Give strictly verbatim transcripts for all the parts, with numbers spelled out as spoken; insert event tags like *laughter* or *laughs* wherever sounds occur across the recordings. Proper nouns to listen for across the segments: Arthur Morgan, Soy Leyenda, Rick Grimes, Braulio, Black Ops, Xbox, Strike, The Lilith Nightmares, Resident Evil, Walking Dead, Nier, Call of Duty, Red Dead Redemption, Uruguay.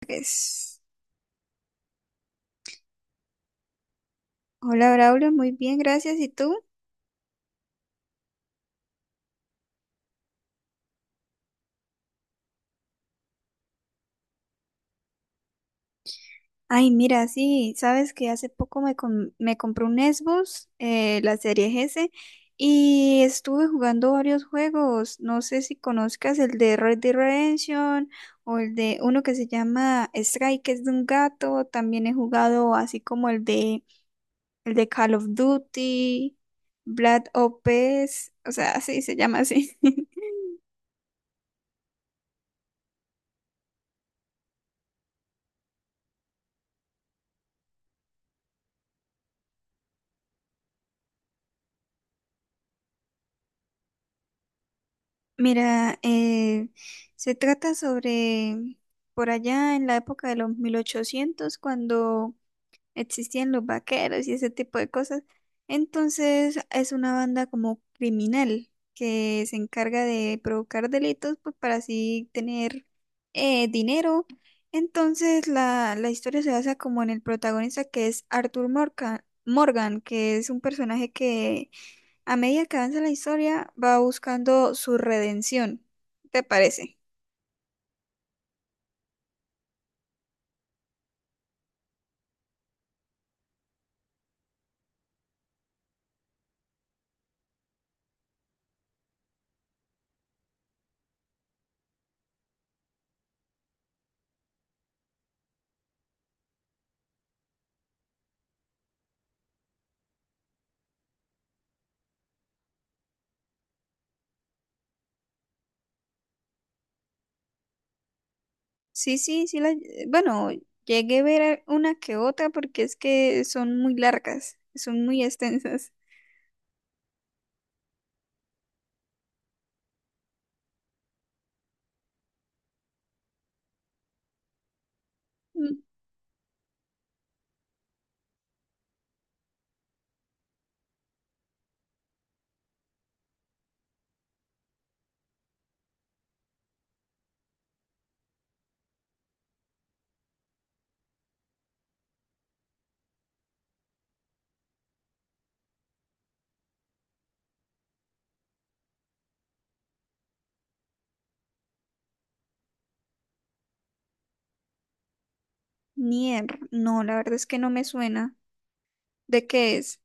Pues, hola Braulio, muy bien, gracias. ¿Y tú? Ay, mira, sí, sabes que hace poco me, com- me compré un Xbox, eh, la serie S, y estuve jugando varios juegos. No sé si conozcas el de Red Dead Redemption o el de uno que se llama Strike, que es de un gato. También he jugado así como el de, el de Call of Duty, Black Ops, o sea, *laughs* sí, se llama así. *laughs* Mira, eh, se trata sobre por allá en la época de los mil ochocientos cuando existían los vaqueros y ese tipo de cosas. Entonces es una banda como criminal que se encarga de provocar delitos pues, para así tener eh, dinero. Entonces la, la historia se basa como en el protagonista que es Arthur Morgan, Morgan, que es un personaje que a medida que avanza la historia, va buscando su redención. ¿Te parece? Sí, sí, sí. La... eh, Bueno, llegué a ver una que otra porque es que son muy largas, son muy extensas. Mm, Nier, no, la verdad es que no me suena. ¿De qué es?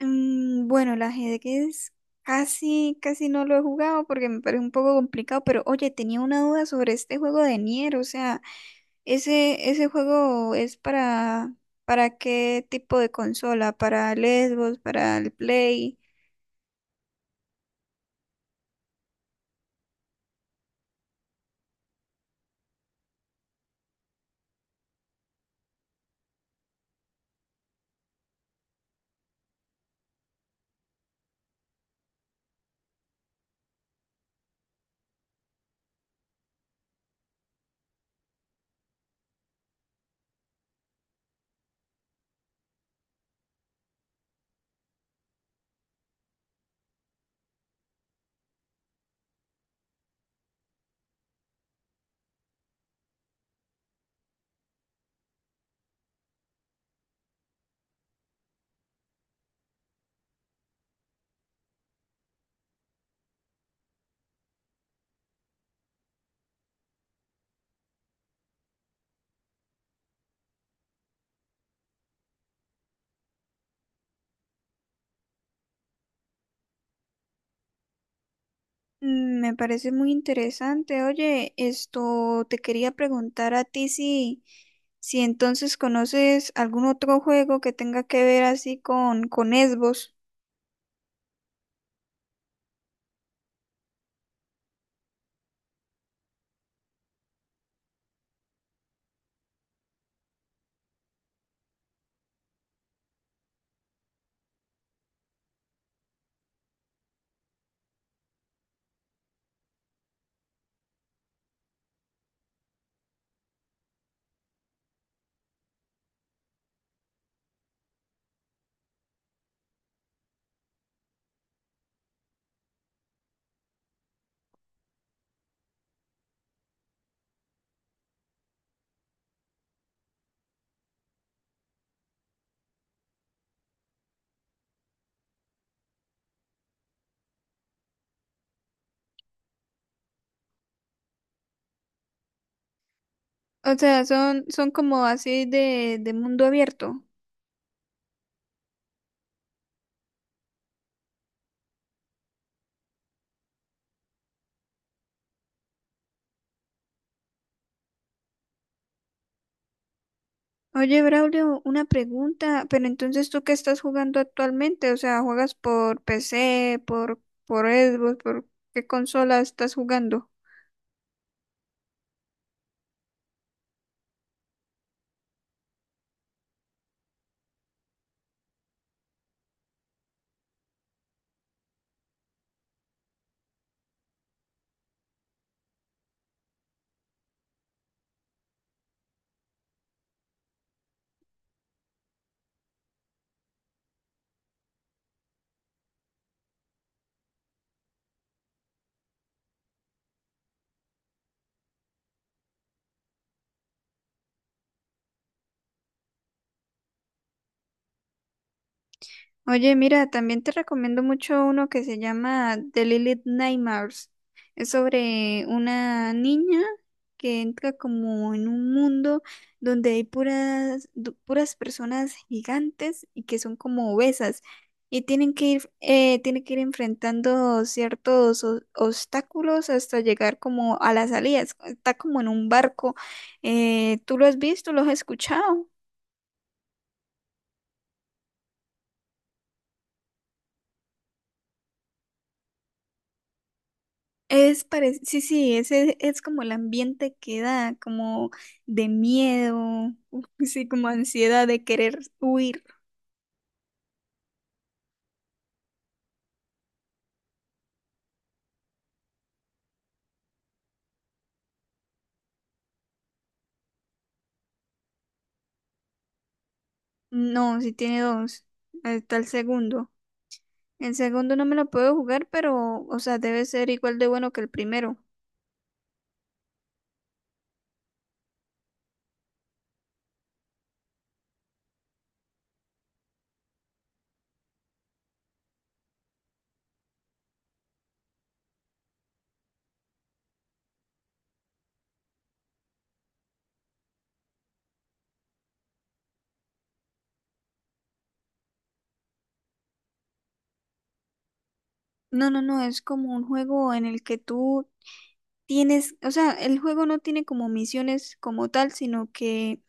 Mm, bueno, el ajedrez casi, casi no lo he jugado porque me parece un poco complicado, pero oye, tenía una duda sobre este juego de Nier, o sea. Ese, ese juego es para, ¿para qué tipo de consola? ¿Para el Xbox? ¿Para el Play? Mm, me parece muy interesante. Oye, esto te quería preguntar a ti si, si entonces conoces algún otro juego que tenga que ver así con, con Xbox. O sea, son, son como así de, de mundo abierto. Oye, Braulio, una pregunta, pero entonces tú qué estás jugando actualmente, o sea, ¿juegas por P C, por, por Xbox, por qué consola estás jugando? Oye, mira, también te recomiendo mucho uno que se llama The Lilith Nightmares. Es sobre una niña que entra como en un mundo donde hay puras, du- puras personas gigantes y que son como obesas y tienen que ir, eh, tiene que ir enfrentando ciertos o- obstáculos hasta llegar como a las salidas. Está como en un barco. Eh, ¿tú lo has visto? ¿Lo has escuchado? Es parec- sí, sí, ese es como el ambiente que da, como de miedo. *laughs* Sí, como ansiedad de querer huir. No, sí tiene dos. Ahí está el segundo. El segundo no me lo puedo jugar, pero, o sea, debe ser igual de bueno que el primero. No, no, no, es como un juego en el que tú tienes, o sea, el juego no tiene como misiones como tal, sino que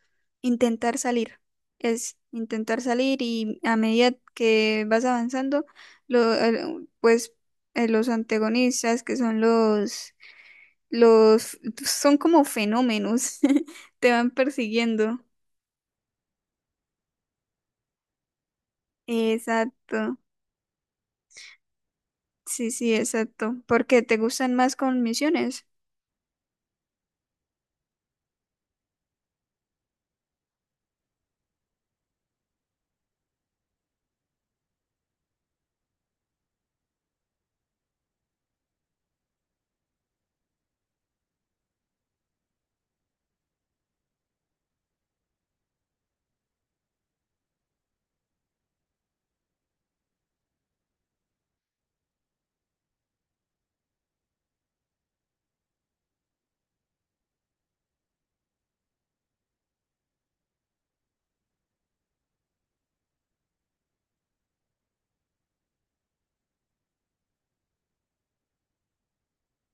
intentar salir. Es intentar salir y a medida que vas avanzando, lo, el- pues eh, los antagonistas, que son los, los, son como fenómenos, *laughs* te van persiguiendo. Exacto. Sí, sí, exacto. Porque te gustan más con misiones.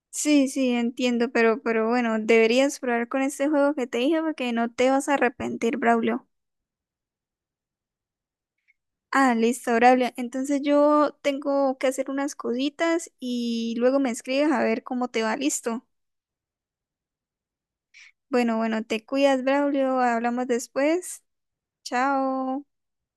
Sí, sí, entiendo, pero, pero bueno, deberías probar con este juego que te dije porque no te vas a arrepentir, Braulio. Ah, listo, Braulio. Entonces yo tengo que hacer unas cositas y luego me escribes a ver cómo te va, listo. Bueno, bueno, te cuidas, Braulio. Hablamos después. Chao.